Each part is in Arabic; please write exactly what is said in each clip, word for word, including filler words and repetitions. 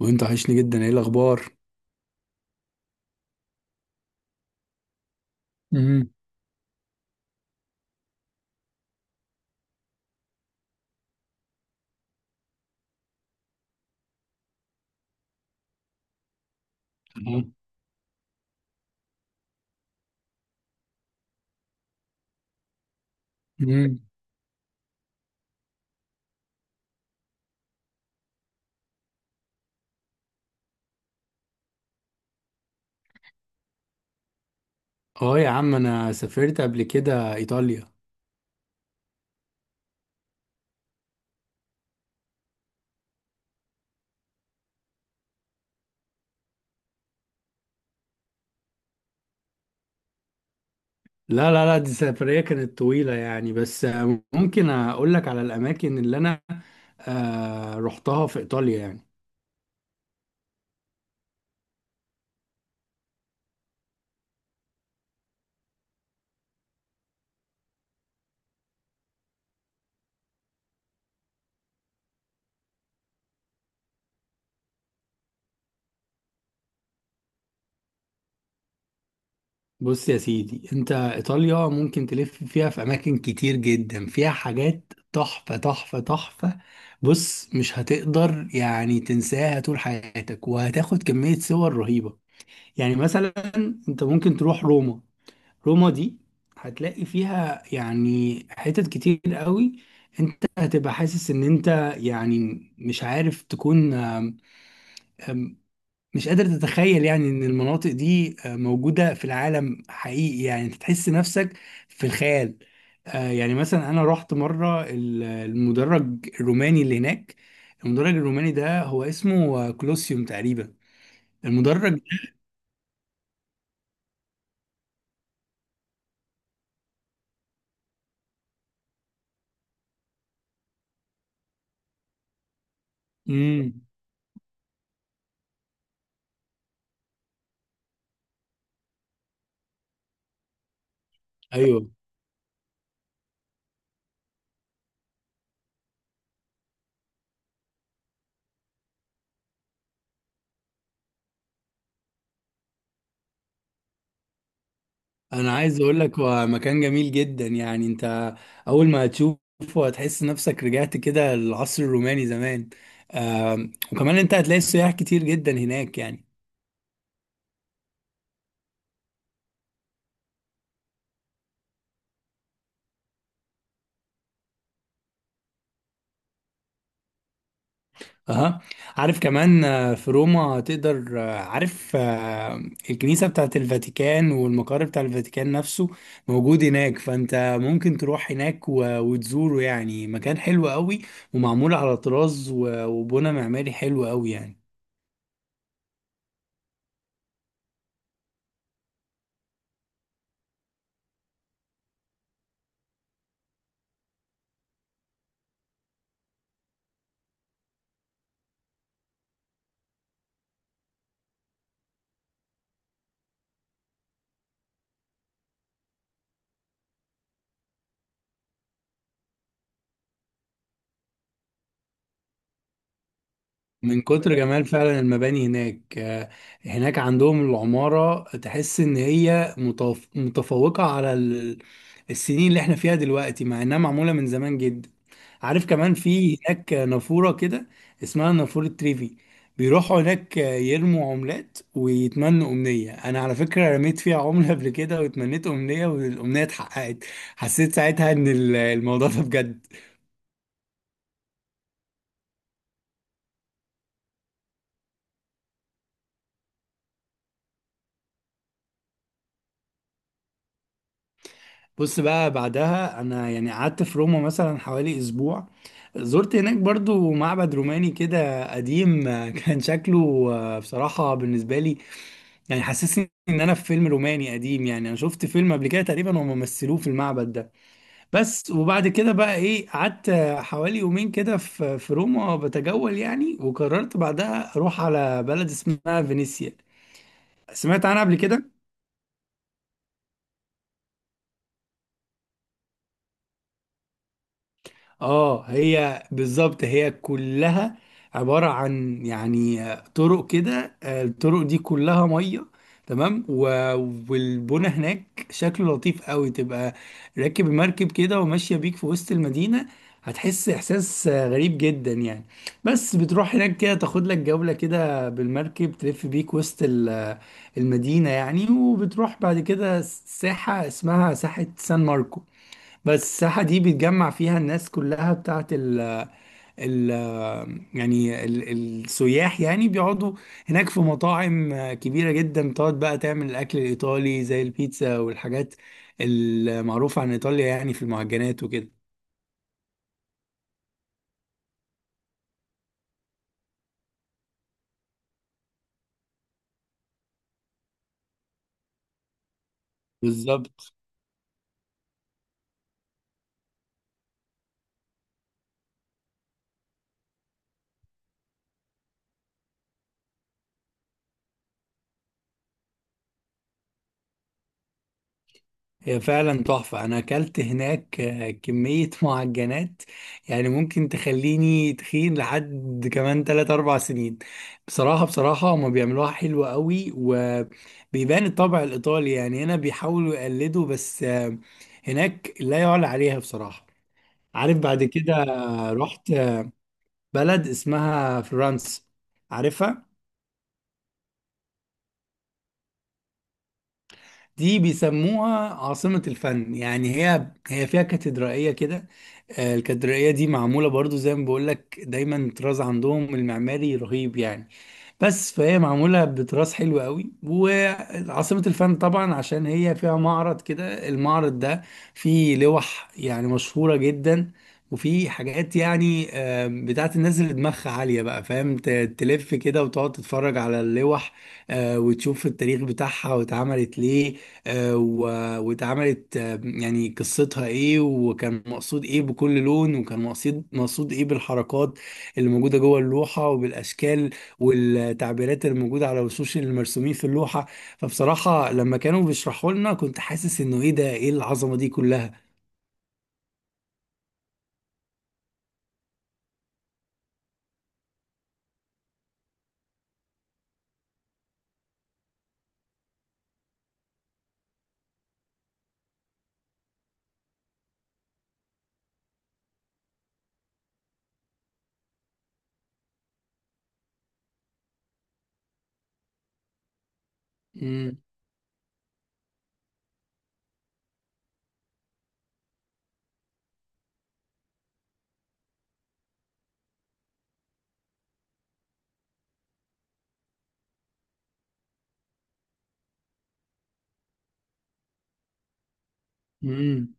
وانت وحشني جدا، ايه الاخبار؟ امم. تمام. امم. اه يا عم، انا سافرت قبل كده ايطاليا. لا لا لا، دي سفرية كانت طويلة يعني، بس آه، ممكن اقول لك على الاماكن اللي انا آه رحتها في ايطاليا يعني. بص يا سيدي، انت ايطاليا ممكن تلف فيها في اماكن كتير جدا، فيها حاجات تحفة تحفة تحفة. بص، مش هتقدر يعني تنساها طول حياتك، وهتاخد كمية صور رهيبة. يعني مثلا، انت ممكن تروح روما. روما دي هتلاقي فيها يعني حتت كتير قوي. انت هتبقى حاسس ان انت يعني مش عارف تكون آم، آم، مش قادر تتخيل يعني ان المناطق دي آه، موجودة في العالم حقيقي، يعني انت تحس نفسك في الخيال. آه، يعني مثلا انا رحت مرة ال- المدرج الروماني اللي هناك. المدرج الروماني ده هو اسمه آه، كولوسيوم تقريبا. المدرج. امم. ايوه، انا عايز اقول لك هو مكان جميل جدا. يعني انت اول ما هتشوفه هتحس نفسك رجعت كده للعصر الروماني زمان. آم، وكمان انت هتلاقي سياح كتير جدا هناك يعني. اها. عارف كمان آه، في روما تقدر آه، عارف آه، الكنيسة بتاعت الفاتيكان والمقر بتاع الفاتيكان نفسه موجود هناك، فانت ممكن تروح هناك و- وتزوره يعني، مكان حلو قوي ومعمول على طراز و- وبنى معماري حلو قوي يعني. من كتر جمال فعلا المباني هناك آه، هناك عندهم العمارة تحس إن هي متف- متفوقة على ال- السنين اللي احنا فيها دلوقتي، مع إنها معمولة من زمان جدا. عارف كمان في هناك نافورة كده اسمها نافورة تريفي. بيروحوا هناك آه، يرموا عملات ويتمنوا أمنية. أنا على فكرة رميت فيها عملة قبل كده واتمنيت أمنية، والأمنية اتحققت. حسيت ساعتها إن ال- الموضوع ده بجد. بص بقى، بعدها انا يعني قعدت في روما مثلا حوالي أسبوع. زرت هناك برضو معبد روماني كده قديم آه، كان شكله آه، بصراحة بالنسبة لي يعني حسسني ان انا في فيلم روماني قديم. يعني انا شفت فيلم قبل كده تقريبا هم مثلوه في المعبد ده. بس وبعد كده بقى ايه، قعدت آه، حوالي يومين كده في في روما بتجول يعني، وقررت بعدها اروح على بلد اسمها فينيسيا. سمعت عنها قبل كده. اه، هي بالظبط، هي كلها عبارة عن يعني آه، طرق كده، آه، الطرق دي كلها مية. تمام. و- والبنا هناك شكله لطيف قوي. تبقى راكب المركب كده وماشية بيك في وسط المدينة، هتحس إحساس آه، غريب جدا يعني. بس بتروح هناك كده تاخد لك جولة كده بالمركب، تلف بيك وسط ال- آه، المدينة يعني. وبتروح بعد كده ساحة اسمها ساحة سان ماركو. بس الساحة دي بيتجمع فيها الناس كلها بتاعت ال ال يعني ال السياح يعني، بيقعدوا هناك في مطاعم كبيرة جدا. بتقعد بقى تعمل الأكل الإيطالي زي البيتزا والحاجات المعروفة عن إيطاليا يعني، في المعجنات وكده. بالظبط، هي فعلا تحفة. أنا أكلت هناك آه، كمية معجنات يعني ممكن تخليني تخين لحد كمان تلات أربع سنين. بصراحة بصراحة هما بيعملوها حلوة قوي، وبيبان الطبع الإيطالي. يعني هنا بيحاولوا يقلدوا، بس آه، هناك لا يعلى عليها بصراحة. عارف بعد كده آه، رحت بلد اسمها فرنسا. عارفها؟ دي بيسموها عاصمة الفن. يعني هي هي فيها كاتدرائية كده، آه، الكاتدرائية دي معمولة برضو زي ما بقولك، دايما طراز عندهم المعماري رهيب يعني. بس فهي معمولة بتراث حلو قوي، وعاصمة الفن طبعا عشان هي فيها معرض كده. المعرض ده فيه لوح يعني مشهورة جدا. وفي حاجات يعني آم، بتاعت الناس اللي دماغها عالية بقى، فاهم؟ ت- تلف كده وتقعد تتفرج على اللوح آه، وتشوف التاريخ بتاعها واتعملت ليه، آه، و- واتعملت آه، يعني قصتها ايه، وكان مقصود ايه بكل لون، وكان مقصود مقصود ايه بالحركات اللي موجودة جوه اللوحة، وبالأشكال والتعبيرات الموجودة على وشوش المرسومين في اللوحة. فبصراحة لما كانوا بيشرحوا لنا كنت حاسس انه ايه ده، ايه العظمة دي كلها. امم. امم.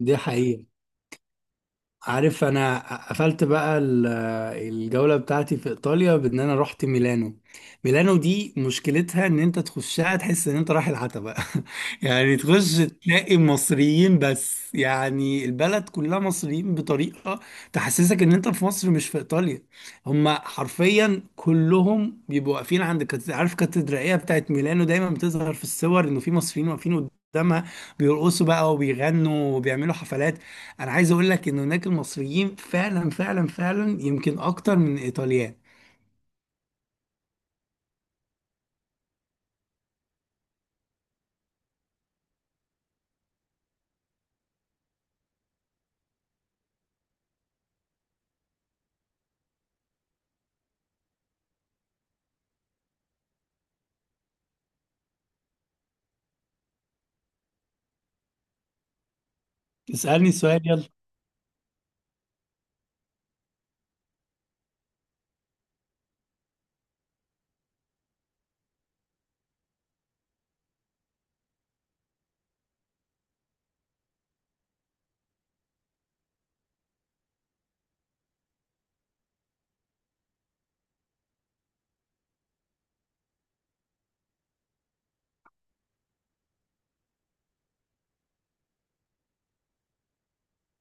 دي حقيقة. عارف انا قفلت بقى ال- الجولة بتاعتي في ايطاليا بان انا رحت ميلانو. ميلانو دي مشكلتها ان انت تخشها تحس ان انت رايح العتبة يعني تخش تلاقي مصريين بس، يعني البلد كلها مصريين بطريقة تحسسك ان انت في مصر مش في ايطاليا. هما حرفيا كلهم بيبقوا واقفين عند كاتد- عارف كاتدرائية بتاعت ميلانو دايما بتظهر في الصور انه في مصريين واقفين قدامها بيرقصوا بقى وبيغنوا وبيعملوا حفلات. انا عايز اقول لك ان هناك المصريين فعلا فعلا فعلا يمكن اكتر من الايطاليان. اسالني السؤال، يلا.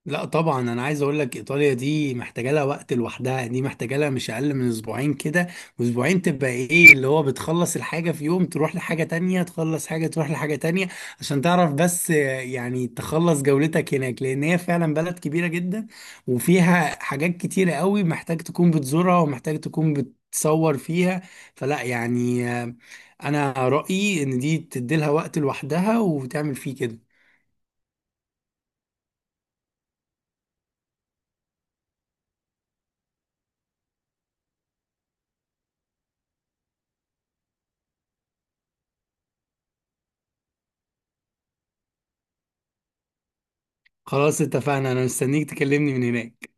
لا طبعا، انا عايز اقول لك، ايطاليا دي محتاجه لها وقت لوحدها، دي محتاجه لها مش اقل من أسبوعين كده. واسبوعين تبقى ايه، اللي هو بتخلص الحاجه في يوم تروح لحاجه تانية، تخلص حاجه تروح لحاجه تانية عشان تعرف بس آه، يعني تخلص جولتك هناك، لان هي فعلا بلد كبيره جدا وفيها حاجات كتيره قوي محتاج تكون بتزورها ومحتاج تكون بتصور فيها. فلا يعني آه، انا رايي ان دي تديلها وقت لوحدها وتعمل فيه كده. خلاص، اتفقنا. انا مستنيك تكلمني من هناك.